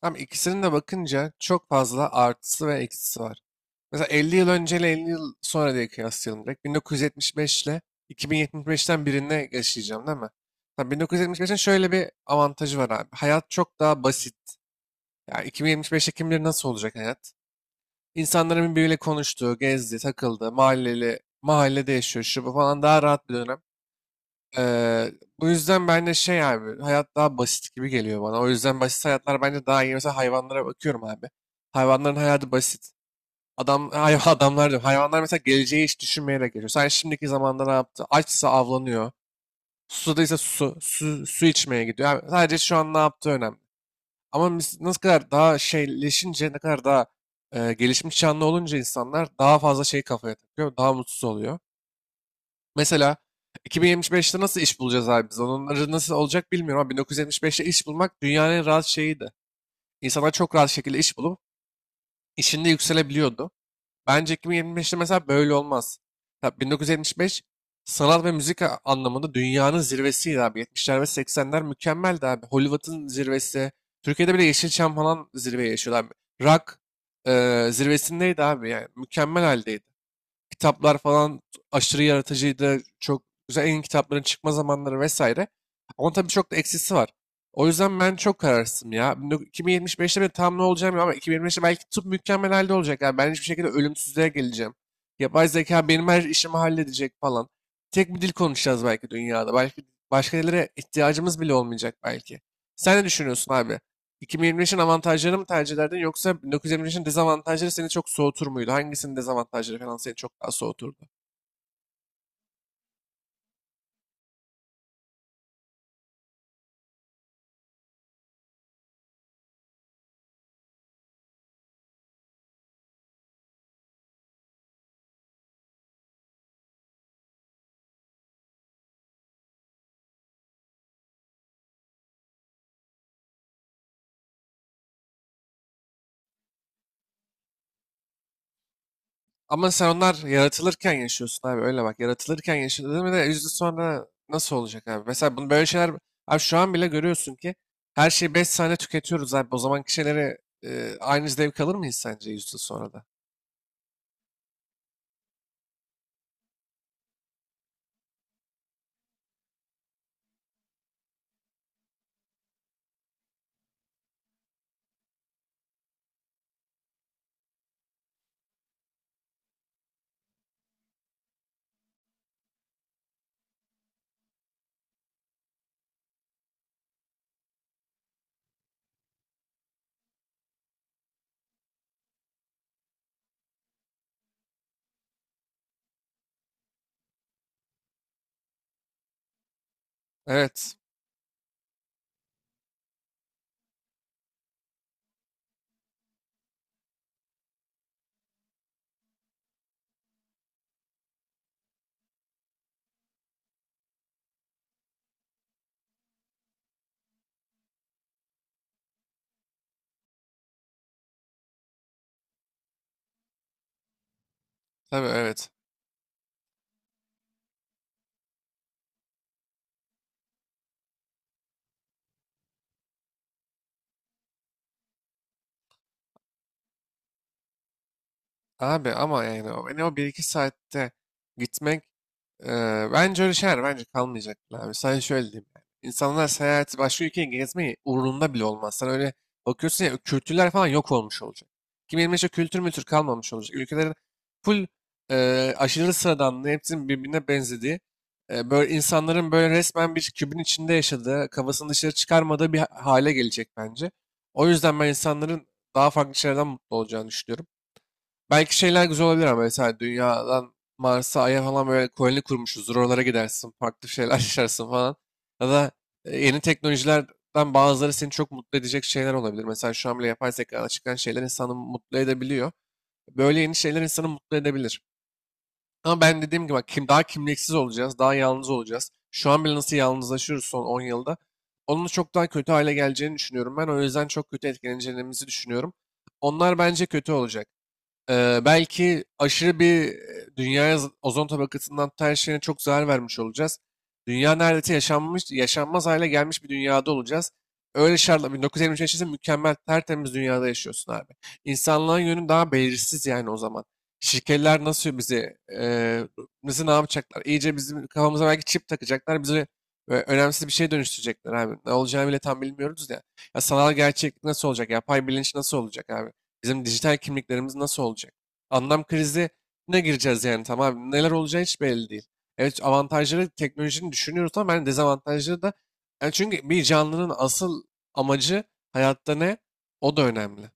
Tam ikisinin de bakınca çok fazla artısı ve eksisi var. Mesela 50 yıl önceyle 50 yıl sonra diye kıyaslayalım direkt. 1975 ile 2075'ten birine yaşayacağım değil mi? Tabii 1975'in şöyle bir avantajı var abi. Hayat çok daha basit. Ya 2075'te kim bilir nasıl olacak hayat? İnsanların birbiriyle konuştuğu, gezdi, takıldı, mahalleli, mahallede yaşıyor, şu bu falan daha rahat bir dönem. Eee, bu yüzden ben de şey abi hayat daha basit gibi geliyor bana. O yüzden basit hayatlar bence daha iyi. Mesela hayvanlara bakıyorum abi. Hayvanların hayatı basit. Adamlar diyorum. Hayvanlar mesela geleceği hiç düşünmeyerek geçiyor. Sen şimdiki zamanda ne yaptı? Açsa avlanıyor. Susadıysa su içmeye gidiyor. Yani sadece şu an ne yaptığı önemli. Ama biz nasıl kadar daha şeyleşince, ne kadar daha gelişmiş canlı olunca insanlar daha fazla şey kafaya takıyor. Daha mutsuz oluyor. Mesela 2075'te nasıl iş bulacağız abi biz? Onları nasıl olacak bilmiyorum ama 1975'te iş bulmak dünyanın en rahat şeyiydi. İnsanlar çok rahat şekilde iş bulup işinde yükselebiliyordu. Bence 2025'te mesela böyle olmaz. Tabii 1975 sanat ve müzik anlamında dünyanın zirvesiydi abi. 70'ler ve 80'ler mükemmeldi abi. Hollywood'un zirvesi. Türkiye'de bile Yeşilçam falan zirveye yaşıyordu abi. Rock zirvesindeydi abi yani. Mükemmel haldeydi. Kitaplar falan aşırı yaratıcıydı. Çok güzel en iyi kitapların çıkma zamanları vesaire. Ama tabii çok da eksisi var. O yüzden ben çok kararsızım ya. 2075'te ben tam ne olacağım ya ama 2025'te belki tıp mükemmel halde olacak. Yani ben hiçbir şekilde ölümsüzlüğe geleceğim. Yapay zeka benim her işimi halledecek falan. Tek bir dil konuşacağız belki dünyada. Belki başka dillere ihtiyacımız bile olmayacak belki. Sen ne düşünüyorsun abi? 2023'ün avantajları mı tercih ederdin yoksa 1923'ün dezavantajları seni çok soğutur muydu? Hangisinin dezavantajları falan seni çok daha soğuturdu? Ama sen onlar yaratılırken yaşıyorsun abi öyle bak. Yaratılırken yaşadın ve de 100 yıl sonra nasıl olacak abi? Mesela bunu böyle şeyler abi şu an bile görüyorsun ki her şeyi 5 saniye tüketiyoruz abi. O zamanki şeyleri aynı zevk alır mıyız sence 100 yıl sonra da? Evet. Tabii evet. Abi ama yani o bir iki saatte gitmek e, bence öyle şeyler bence kalmayacak bile abi. Sadece şöyle diyeyim. Yani. İnsanlar seyahati başka ülkeye gezmeyi uğrunda bile olmaz. Sen öyle bakıyorsun ya kültürler falan yok olmuş olacak. Kim bilir işte kültür mültür kalmamış olacak. Ülkelerin full aşırı sıradanlığı hepsinin birbirine benzediği böyle insanların böyle resmen bir kübün içinde yaşadığı kafasını dışarı çıkarmadığı bir hale gelecek bence. O yüzden ben insanların daha farklı şeylerden mutlu olacağını düşünüyorum. Belki şeyler güzel olabilir ama mesela dünyadan Mars'a, Ay'a falan böyle koloni kurmuşuzdur. Oralara gidersin, farklı şeyler yaşarsın falan. Ya da yeni teknolojilerden bazıları seni çok mutlu edecek şeyler olabilir. Mesela şu an bile yapay zekadan çıkan şeyler insanı mutlu edebiliyor. Böyle yeni şeyler insanı mutlu edebilir. Ama ben dediğim gibi bak, daha kimliksiz olacağız, daha yalnız olacağız. Şu an bile nasıl yalnızlaşıyoruz son 10 yılda. Onun çok daha kötü hale geleceğini düşünüyorum ben. O yüzden çok kötü etkileneceğimizi düşünüyorum. Onlar bence kötü olacak. Belki aşırı bir dünyaya ozon tabakasından tutan her şeyine çok zarar vermiş olacağız. Dünya neredeyse yaşanmaz hale gelmiş bir dünyada olacağız. Öyle şartla 1923 yaşasın mükemmel tertemiz dünyada yaşıyorsun abi. İnsanlığın yönü daha belirsiz yani o zaman. Şirketler nasıl bizi ne yapacaklar? İyice bizim kafamıza belki çip takacaklar. Bizi önemsiz bir şeye dönüştürecekler abi. Ne olacağını bile tam bilmiyoruz ya. Ya sanal gerçeklik nasıl olacak? Yapay bilinç nasıl olacak abi? Bizim dijital kimliklerimiz nasıl olacak? Anlam krizine gireceğiz yani tamam. Neler olacağı hiç belli değil. Evet avantajları teknolojinin düşünüyoruz ama ben dezavantajları da yani çünkü bir canlının asıl amacı hayatta ne? O da önemli.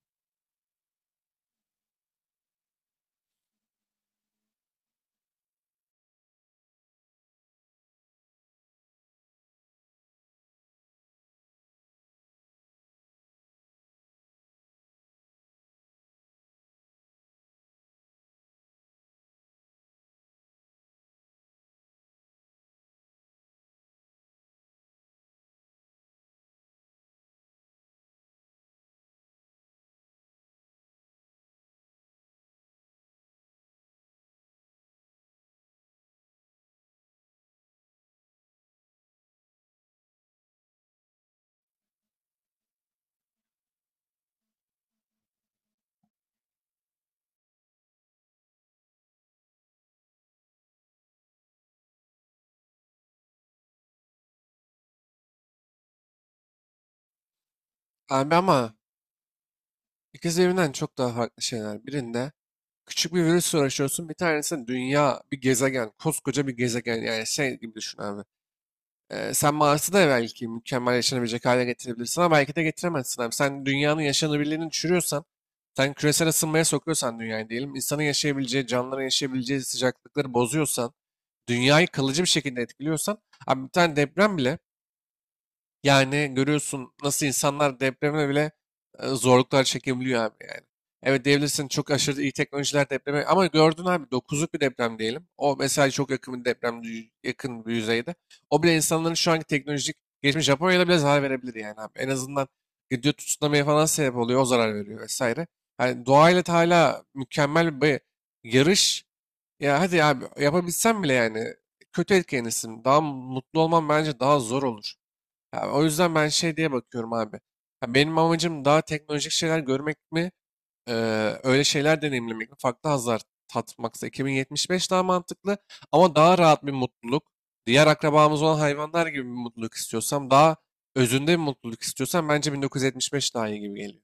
Abi ama ikisi birbirinden çok daha farklı şeyler. Birinde küçük bir virüsle uğraşıyorsun. Bir tanesi dünya, bir gezegen, koskoca bir gezegen. Yani şey gibi düşün abi. Sen Mars'ı da belki mükemmel yaşanabilecek hale getirebilirsin ama belki de getiremezsin abi. Sen dünyanın yaşanabilirliğini düşürüyorsan, sen küresel ısınmaya sokuyorsan dünyayı diyelim, insanın yaşayabileceği, canlıların yaşayabileceği sıcaklıkları bozuyorsan, dünyayı kalıcı bir şekilde etkiliyorsan, abi bir tane deprem bile yani görüyorsun nasıl insanlar depremle bile zorluklar çekebiliyor abi yani. Evet diyebilirsin çok aşırı iyi teknolojiler depreme ama gördün abi dokuzluk bir deprem diyelim. O mesela çok yakın bir deprem yakın bir yüzeyde. O bile insanların şu anki teknolojik geçmiş Japonya'da bile zarar verebilir yani abi. En azından gidiyor tsunami'ye falan sebep oluyor o zarar veriyor vesaire. Yani doğayla da hala mükemmel bir yarış. Ya hadi abi yapabilsem bile yani kötü etkilenirsin. Daha mutlu olman bence daha zor olur. Ya o yüzden ben şey diye bakıyorum abi. Ya benim amacım daha teknolojik şeyler görmek mi, öyle şeyler deneyimlemek mi, farklı hazlar tatmaksa 2075 daha mantıklı ama daha rahat bir mutluluk. Diğer akrabamız olan hayvanlar gibi bir mutluluk istiyorsam, daha özünde bir mutluluk istiyorsam bence 1975 daha iyi gibi geliyor.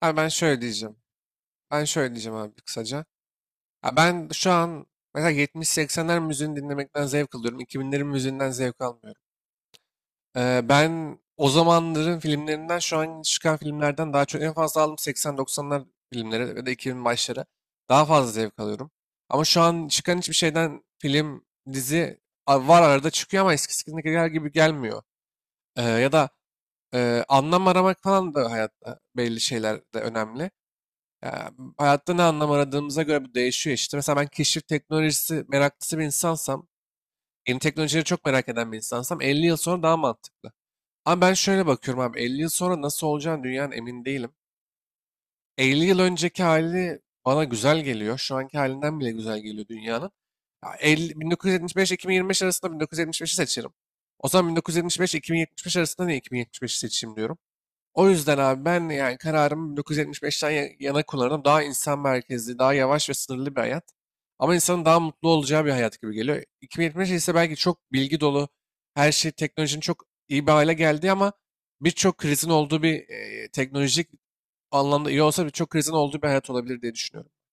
Ha ben şöyle diyeceğim. Ben şöyle diyeceğim abi kısaca. Ha ben şu an mesela 70-80'ler müziğini dinlemekten zevk alıyorum. 2000'lerin müziğinden zevk almıyorum. Ben o zamanların filmlerinden şu an çıkan filmlerden daha çok en fazla aldım 80-90'lar filmleri ve de 2000 başları. Daha fazla zevk alıyorum. Ama şu an çıkan hiçbir şeyden film, dizi var arada çıkıyor ama eskisindekiler gibi gelmiyor. Ya da anlam aramak falan da hayatta belli şeyler de önemli. Ya, hayatta ne anlam aradığımıza göre bu değişiyor işte. Mesela ben keşif teknolojisi meraklısı bir insansam, yeni teknolojileri çok merak eden bir insansam 50 yıl sonra daha mantıklı. Ama ben şöyle bakıyorum abi 50 yıl sonra nasıl olacağını dünyanın emin değilim. 50 yıl önceki hali bana güzel geliyor. Şu anki halinden bile güzel geliyor dünyanın. Ya 50, 1975-2025 arasında 1975'i seçerim. O zaman 1975-2075 arasında niye 2075'i seçeyim diyorum. O yüzden abi ben yani kararımı 1975'ten yana kullanırım. Daha insan merkezli, daha yavaş ve sınırlı bir hayat. Ama insanın daha mutlu olacağı bir hayat gibi geliyor. 2075 ise belki çok bilgi dolu, her şey teknolojinin çok iyi bir hale geldi ama birçok krizin olduğu bir teknolojik anlamda iyi olsa birçok krizin olduğu bir hayat olabilir diye düşünüyorum.